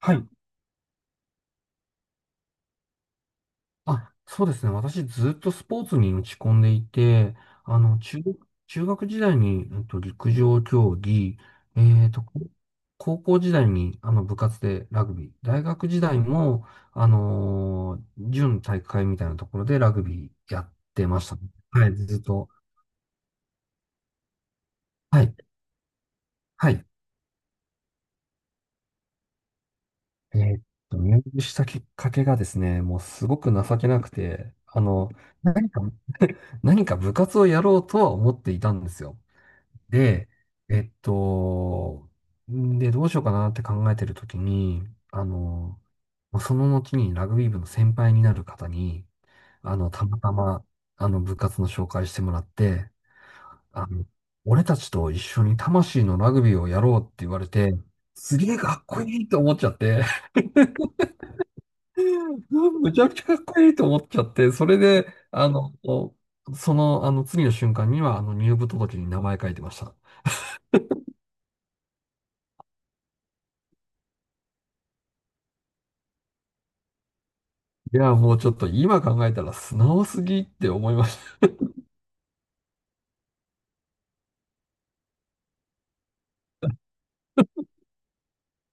はい。あ、そうですね。私ずっとスポーツに打ち込んでいて、あの、中、中学時代に、陸上競技、えっと、高校時代に、部活でラグビー、大学時代も、準体育会みたいなところでラグビーやってましたね。はい、ずっと。はい、はい。えーっ入部したきっかけがですね、もうすごく情けなくて、何か、何か部活をやろうとは思っていたんですよ。で、えっと、んで、どうしようかなって考えてるときに、あの、もうその後にラグビー部の先輩になる方に、たまたま、部活の紹介してもらって、あの、俺たちと一緒に魂のラグビーをやろうって言われて、すげえかっこいいと思っちゃって、むちゃくちゃかっこいいと思っちゃって、それで、次の瞬間には、入部届に名前書いてました。いや、もうちょっと今考えたら素直すぎって思いました。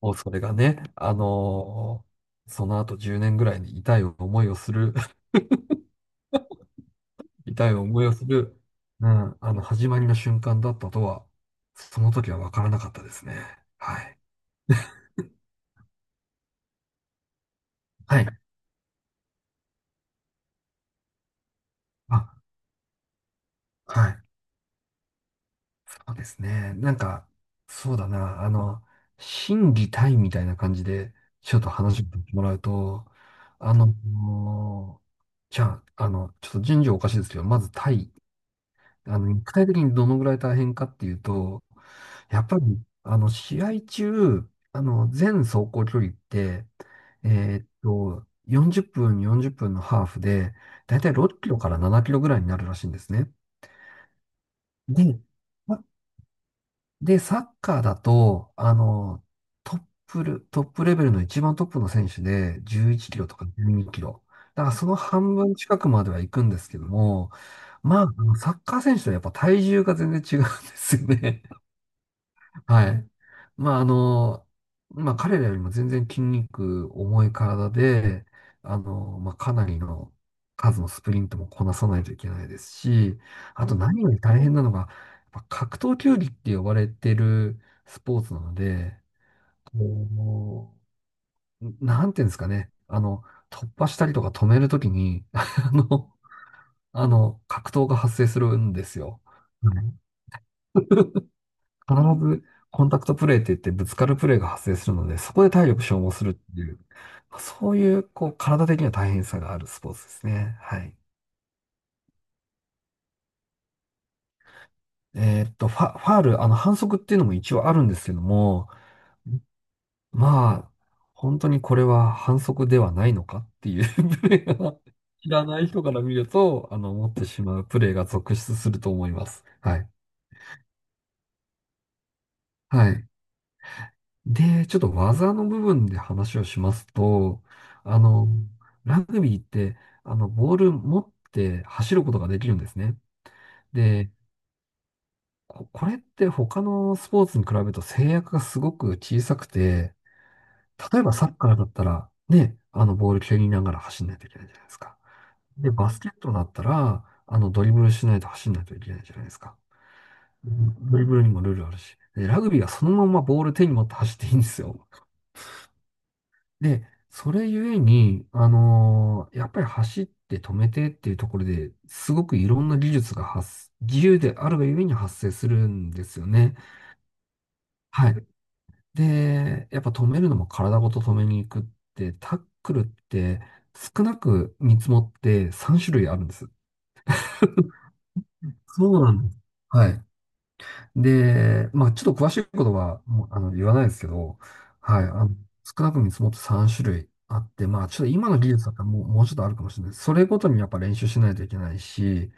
もうそれがね、その後10年ぐらいに痛い思いをする、痛い思いをする、うん、始まりの瞬間だったとは、その時は分からなかったですね。はい。はい。あ、はい。そうですね。なんか、そうだな、心技体みたいな感じで、ちょっと話してもらうと、あの、じゃあ、ちょっと順序おかしいですけど、まず体、具体的にどのぐらい大変かっていうと、やっぱり、試合中、全走行距離って、40分のハーフで、だいたい6キロから7キロぐらいになるらしいんですね。で、で、サッカーだと、トットップレベルの一番トップの選手で11キロとか12キロ。だからその半分近くまでは行くんですけども、まあ、サッカー選手とやっぱ体重が全然違うんですよね。はい。まあ、あの、まあ、彼らよりも全然筋肉重い体で、まあ、かなりの数のスプリントもこなさないといけないですし、あと何より大変なのが、やっぱ格闘球技って呼ばれてるスポーツなので、こう、なんていうんですかね、突破したりとか止めるときに、格闘が発生するんですよ。はい。必ずコンタクトプレーって言ってぶつかるプレーが発生するので、そこで体力消耗するっていう、まあそういう、こう、体的な大変さがあるスポーツですね。はい。ファール、反則っていうのも一応あるんですけども、まあ、本当にこれは反則ではないのかっていう プレーが知らない人から見ると、思ってしまうプレーが続出すると思います。はい。はい。で、ちょっと技の部分で話をしますと、あの、ラグビーって、ボール持って走ることができるんですね。で、これって他のスポーツに比べると制約がすごく小さくて、例えばサッカーだったら、ね、ボール蹴りながら走んないといけないじゃないですか。で、バスケットだったら、ドリブルしないと走んないといけないじゃないですか。ドリブルにもルールあるし。で、ラグビーはそのままボール手に持って走っていいんですよ。で、それゆえに、やっぱり走って止めてっていうところですごくいろんな技術が自由であるがゆえに発生するんですよね。はい。で、やっぱ止めるのも体ごと止めに行くって、タックルって少なく見積もって3種類あるんです。そうなんです。はい。で、まあ、ちょっと詳しいことは、もう、言わないですけど、はい、少なく見積もって3種類あって、まあ、ちょっと今の技術だったらもうちょっとあるかもしれない。それごとにやっぱ練習しないといけないし、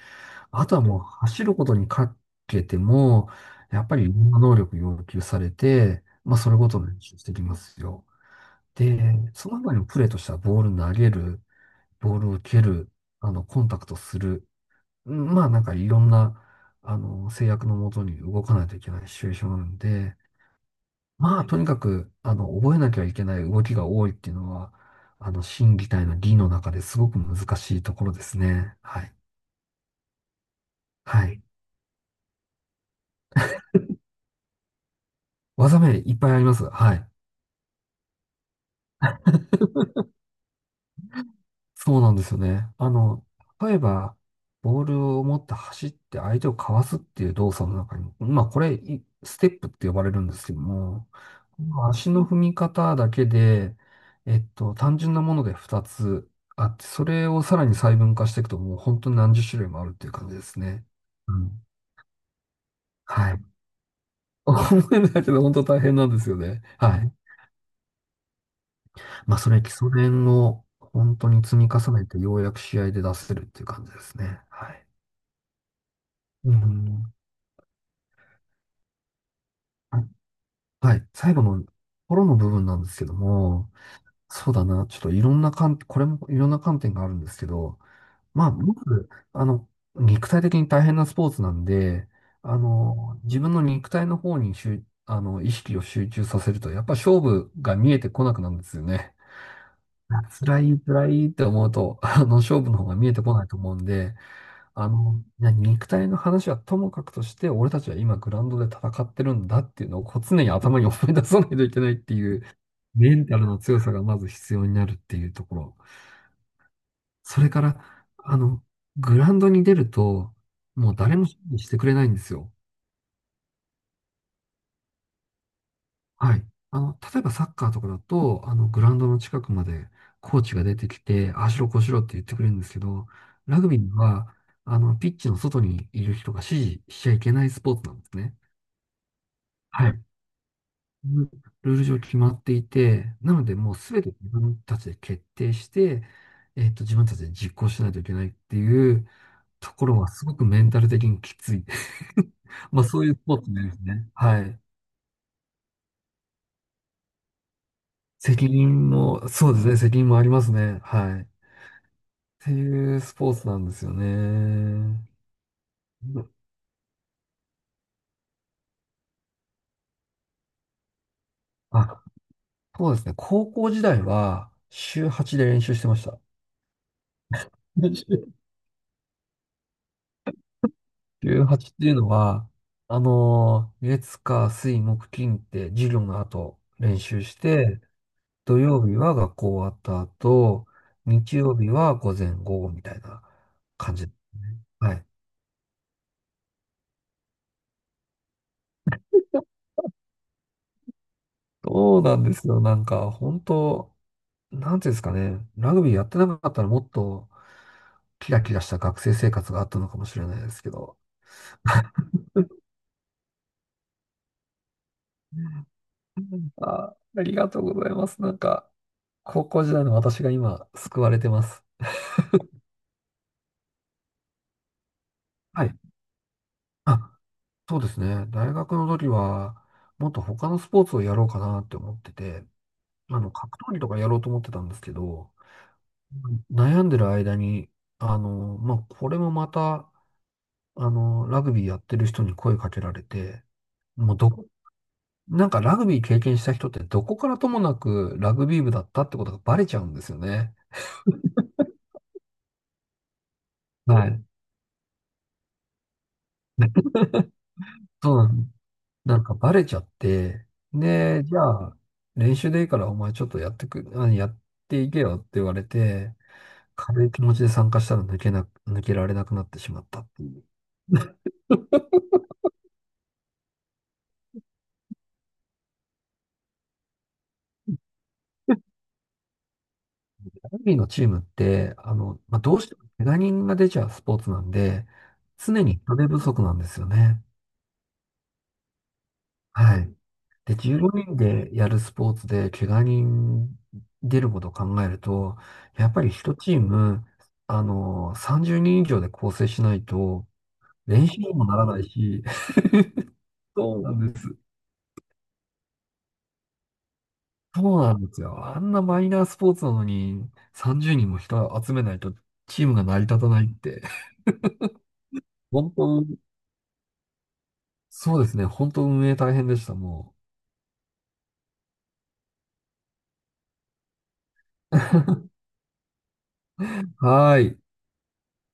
あとはもう走ることにかけても、やっぱりいろんな能力要求されて、まあ、それごとに練習してきますよ。で、その他にもプレーとしてはボール投げる、ボールを蹴る、コンタクトする、うんまあなんかいろんな、制約のもとに動かないといけないシチュエーションなんで、まあとにかく、覚えなきゃいけない動きが多いっていうのは、心技体の技の中ですごく難しいところですね。はい。はい。技名いっぱいあります。はい。そうなんですよね。例えば、ボールを持って走って相手をかわすっていう動作の中に、まあこれ、いステップって呼ばれるんですけども、まあ足の踏み方だけで、単純なもので2つあって、それをさらに細分化していくと、もう本当に何十種類もあるっていう感じですね。うん。はい。思えないけど、本当大変なんですよね。はい。まあそれ、基礎練を本当に積み重ねて、ようやく試合で出せるっていう感じですね。はい。うん。あ、はい。最後の頃の部分なんですけども、そうだな。ちょっといろんな観、これもいろんな観点があるんですけど、まあ、まず、肉体的に大変なスポーツなんで、自分の肉体の方に集、あの、意識を集中させると、やっぱ勝負が見えてこなくなるんですよね。あ、辛い、辛いって思うと、勝負の方が見えてこないと思うんで、いや肉体の話はともかくとして、俺たちは今グラウンドで戦ってるんだっていうのをこう常に頭に思い出さないといけないっていう、メンタルの強さがまず必要になるっていうところ。それから、グラウンドに出ると、もう誰も指示してくれないんですよ。はい。例えばサッカーとかだと、グラウンドの近くまでコーチが出てきて、ああしろこうしろって言ってくれるんですけど、ラグビーは、ピッチの外にいる人が指示しちゃいけないスポーツなんですね。はい。うんルール上決まっていて、なのでもうすべて自分たちで決定して、自分たちで実行しないといけないっていうところはすごくメンタル的にきつい。まあそういうスポーツになりますね。はい。責任も、そうですね、責任もありますね。はい。っていうスポーツなんですよね。あ、そうですね。高校時代は週8で練習してました。18っていうのは、月、火、水、木、金って授業の後練習して、土曜日は学校終わった後、日曜日は午前午後みたいな感じですね。はい。そうなんですよ。なんか、本当、なんていうんですかね。ラグビーやってなかったらもっとキラキラした学生生活があったのかもしれないですけど。うん、あ、ありがとうございます。なんか、高校時代の私が今、救われてます。はい。あ、そうですね。大学の時は、もっと他のスポーツをやろうかなって思ってて、格闘技とかやろうと思ってたんですけど、悩んでる間に、まあ、これもまた、ラグビーやってる人に声かけられて、もうどこ、なんかラグビー経験した人ってどこからともなくラグビー部だったってことがバレちゃうんですよね。はい。そうなんなんかバレちゃって、で、じゃあ、練習でいいからお前ちょっとやっていけよって言われて、軽い気持ちで参加したら抜けられなくなってしまったっていう。ラグビーのチームって、まあ、どうしても怪我人が出ちゃうスポーツなんで、常に人手不足なんですよね。はい。で、15人でやるスポーツで怪我人出ることを考えると、やっぱり一チーム、30人以上で構成しないと、練習にもならないし、そうなんです。そうなんですよ。あんなマイナースポーツなのに30人も人集めないとチームが成り立たないって。本当、そうですね。本当運営大変でした、もう。はーい。